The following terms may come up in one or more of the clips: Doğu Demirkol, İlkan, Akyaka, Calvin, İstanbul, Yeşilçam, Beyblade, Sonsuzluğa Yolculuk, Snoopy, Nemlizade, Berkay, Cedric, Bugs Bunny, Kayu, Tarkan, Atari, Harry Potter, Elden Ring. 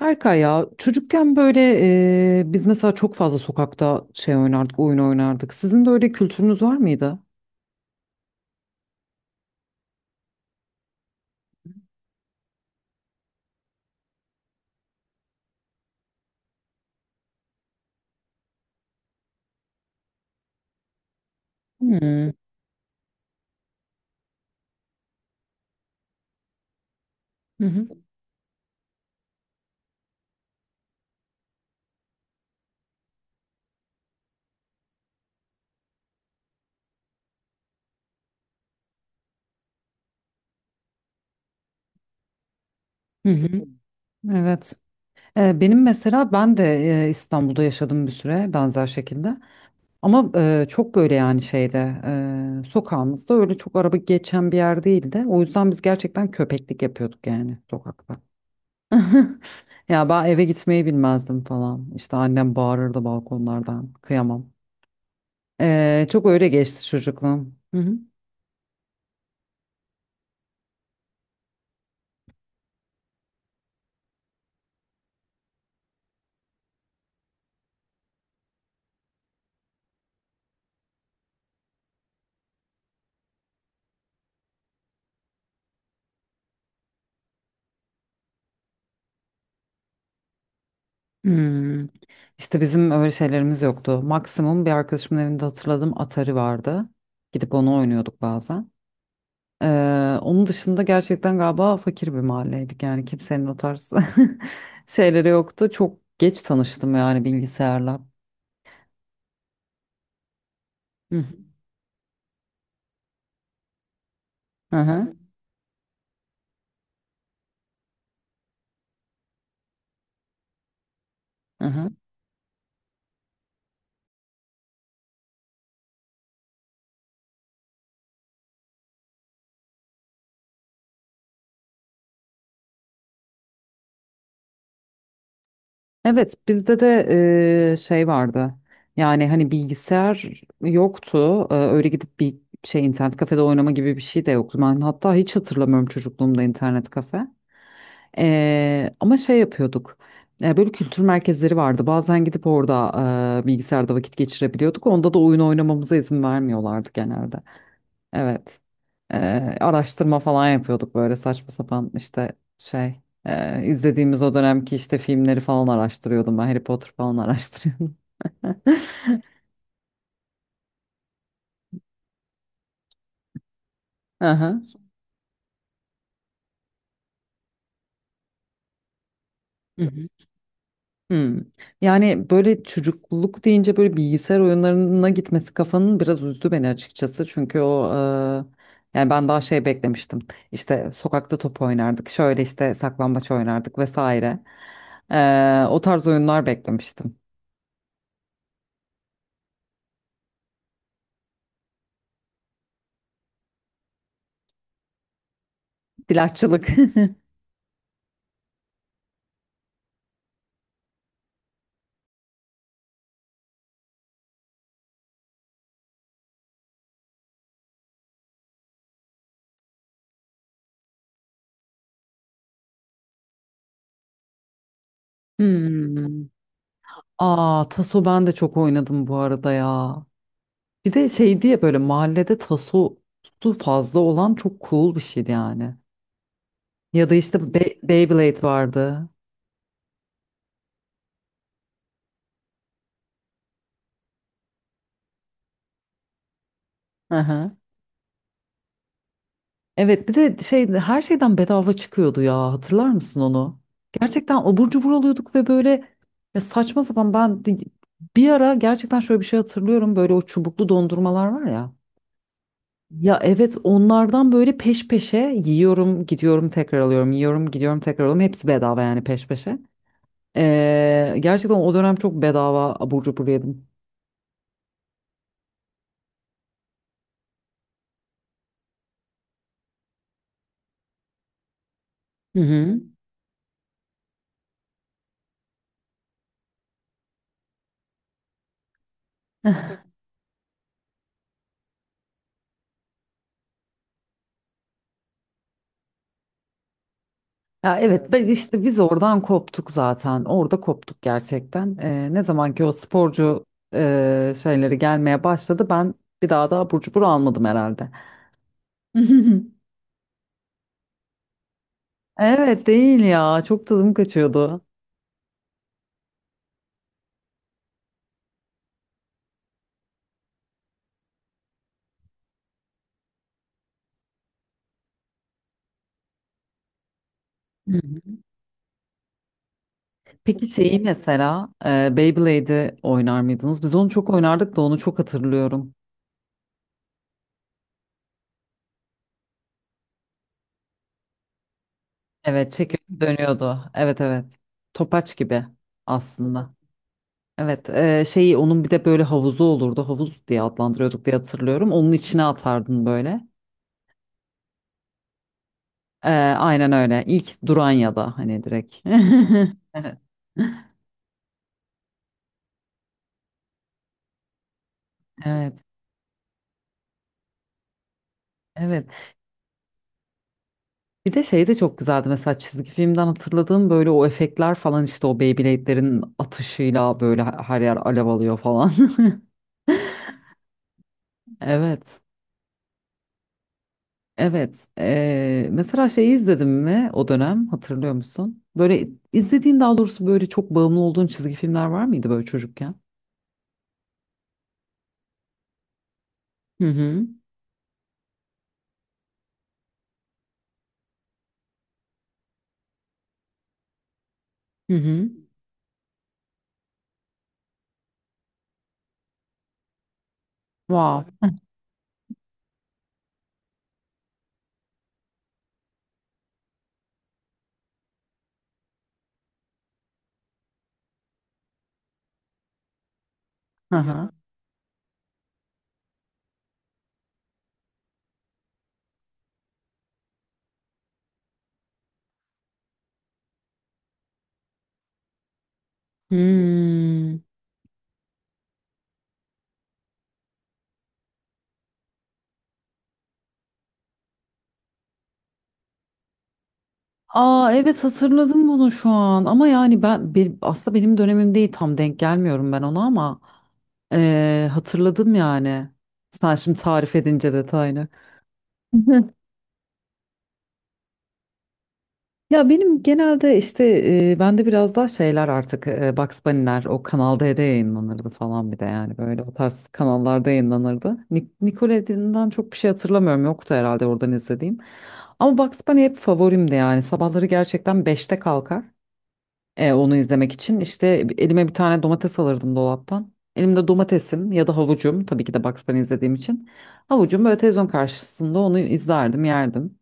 Berkay ya çocukken böyle biz mesela çok fazla sokakta şey oynardık, oyun oynardık. Sizin de öyle kültürünüz var mıydı? Hmm. Hı hı. Hı hı. Evet. Benim mesela ben de İstanbul'da yaşadım bir süre benzer şekilde. Ama çok böyle yani şeyde sokağımızda öyle çok araba geçen bir yer değildi. O yüzden biz gerçekten köpeklik yapıyorduk yani sokakta. Ya ben eve gitmeyi bilmezdim falan. İşte annem bağırırdı balkonlardan. Kıyamam. Çok öyle geçti çocukluğum. Hı hı. Hmm. İşte bizim öyle şeylerimiz yoktu. Maksimum bir arkadaşımın evinde hatırladığım Atari vardı. Gidip onu oynuyorduk bazen. Onun dışında gerçekten galiba fakir bir mahalleydik. Yani kimsenin o tarz şeyleri yoktu. Çok geç tanıştım yani bilgisayarla. Hı hı. Hı hı. Hı hı. Evet, bizde de şey vardı. Yani hani bilgisayar yoktu. Öyle gidip bir şey internet kafede oynama gibi bir şey de yoktu. Ben hatta hiç hatırlamıyorum çocukluğumda internet kafe. Ama şey yapıyorduk. Böyle kültür merkezleri vardı. Bazen gidip orada bilgisayarda vakit geçirebiliyorduk. Onda da oyun oynamamıza izin vermiyorlardı genelde. Evet. Araştırma falan yapıyorduk böyle saçma sapan işte şey izlediğimiz o dönemki işte filmleri falan araştırıyordum, ben Harry Potter falan araştırıyordum. Aha. Hı hı. Hmm. Yani böyle çocukluk deyince böyle bilgisayar oyunlarına gitmesi kafanın biraz üzdü beni, açıkçası. Çünkü o yani ben daha şey beklemiştim. İşte sokakta top oynardık. Şöyle işte saklambaç oynardık vesaire. O tarz oyunlar beklemiştim. Silahçılık. Hmm. Aa, taso ben de çok oynadım bu arada ya. Bir de şey diye böyle mahallede taso su fazla olan çok cool bir şeydi yani. Ya da işte Beyblade vardı. Hı hı. Evet, bir de şey her şeyden bedava çıkıyordu ya, hatırlar mısın onu? Gerçekten abur cubur alıyorduk ve böyle ya saçma sapan, ben bir ara gerçekten şöyle bir şey hatırlıyorum. Böyle o çubuklu dondurmalar var ya. Ya evet, onlardan böyle peş peşe yiyorum gidiyorum tekrar alıyorum, yiyorum gidiyorum tekrar alıyorum, hepsi bedava yani peş peşe. Gerçekten o dönem çok bedava abur cubur yedim. Hı hı. Ya evet, ben işte biz oradan koptuk zaten, orada koptuk gerçekten. Ne zaman ki o sporcu şeyleri gelmeye başladı, ben bir daha da abur cubur almadım herhalde. Evet, değil ya, çok tadım kaçıyordu. Peki şeyi mesela Beyblade'i oynar mıydınız? Biz onu çok oynardık da onu çok hatırlıyorum. Evet, çekiyor dönüyordu. Evet, evet. Topaç gibi aslında. Evet, şeyi onun bir de böyle havuzu olurdu. Havuz diye adlandırıyorduk diye hatırlıyorum. Onun içine atardın böyle. Aynen öyle. İlk duran ya da hani direkt. Evet. Evet. Evet. Bir de şey de çok güzeldi, mesela çizgi filmden hatırladığım böyle o efektler falan, işte o Beyblade'lerin atışıyla böyle her yer alev alıyor falan. Evet. Evet. Mesela şeyi izledim mi o dönem, hatırlıyor musun? Böyle izlediğin, daha doğrusu böyle çok bağımlı olduğun çizgi filmler var mıydı böyle çocukken? Hı hı. Hı hı. Wow. Hı hı. Hmm. Aa, evet, hatırladım bunu şu an, ama yani ben bir, aslında benim dönemim değil, tam denk gelmiyorum ben ona, ama hatırladım yani. Sen şimdi tarif edince detayını. Ya benim genelde işte bende biraz daha şeyler artık, Bugs Bunny'ler o Kanal D'de yayınlanırdı falan, bir de yani böyle o tarz kanallarda yayınlanırdı. Nickelodeon'dan çok bir şey hatırlamıyorum, yoktu herhalde oradan izlediğim. Ama Bugs Bunny hep favorimdi yani, sabahları gerçekten beşte kalkar. Onu izlemek için. İşte elime bir tane domates alırdım dolaptan. Elimde domatesim ya da havucum. Tabii ki de, Bugs Bunny izlediğim için. Havucum böyle, televizyon karşısında onu izlerdim, yerdim.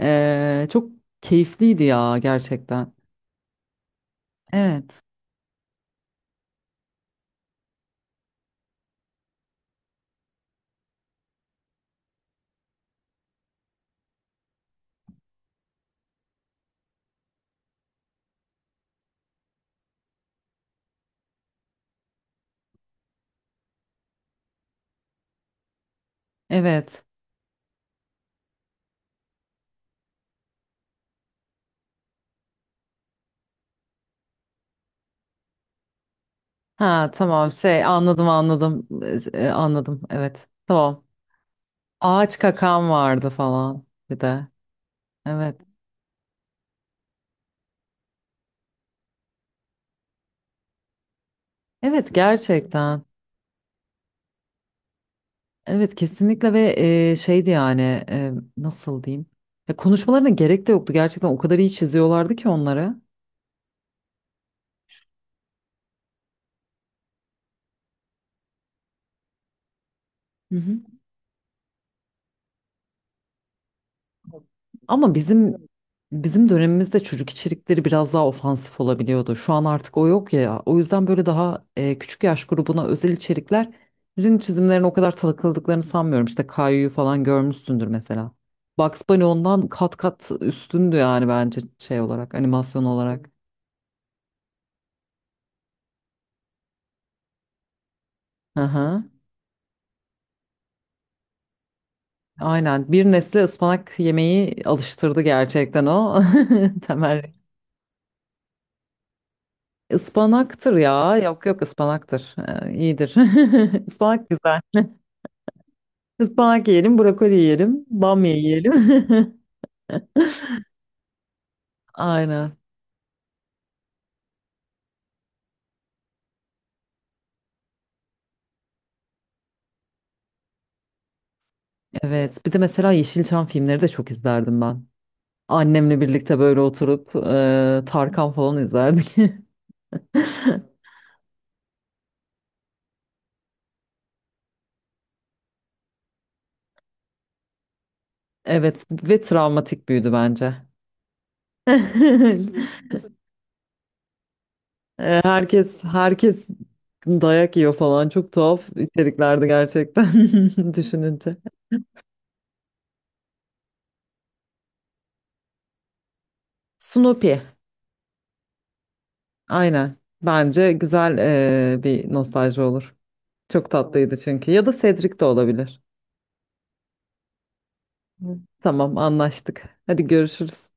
Çok keyifliydi ya gerçekten. Evet, evet. Ha, tamam, şey anladım, anladım. Anladım evet tamam. Ağaç kakan vardı falan bir de. Evet. Evet, gerçekten. Evet, kesinlikle. Ve şeydi yani, nasıl diyeyim? Ya konuşmalarına gerek de yoktu gerçekten, o kadar iyi çiziyorlardı ki onları. Hı hı. Ama bizim dönemimizde çocuk içerikleri biraz daha ofansif olabiliyordu. Şu an artık o yok ya. O yüzden böyle daha küçük yaş grubuna özel içeriklerin çizimlerine o kadar takıldıklarını sanmıyorum. İşte Kayu'yu falan görmüşsündür mesela. Bugs Bunny ondan kat kat üstündü yani, bence şey olarak, animasyon olarak. Hı hı. Aynen, bir nesle ıspanak yemeği alıştırdı gerçekten o Temel. Ispanaktır ya. Yok, yok, ıspanaktır. İyidir. Ispanak güzel. Ispanak yiyelim, brokoli yiyelim, bamya yiyelim. Aynen. Evet. Bir de mesela Yeşilçam filmleri de çok izlerdim ben. Annemle birlikte böyle oturup Tarkan falan izlerdik. Evet, ve travmatik büyüdü bence. Herkes dayak yiyor falan. Çok tuhaf içeriklerdi gerçekten, düşününce. Snoopy. Aynen. Bence güzel bir nostalji olur. Çok tatlıydı çünkü. Ya da Cedric de olabilir. Hı. Tamam, anlaştık. Hadi görüşürüz.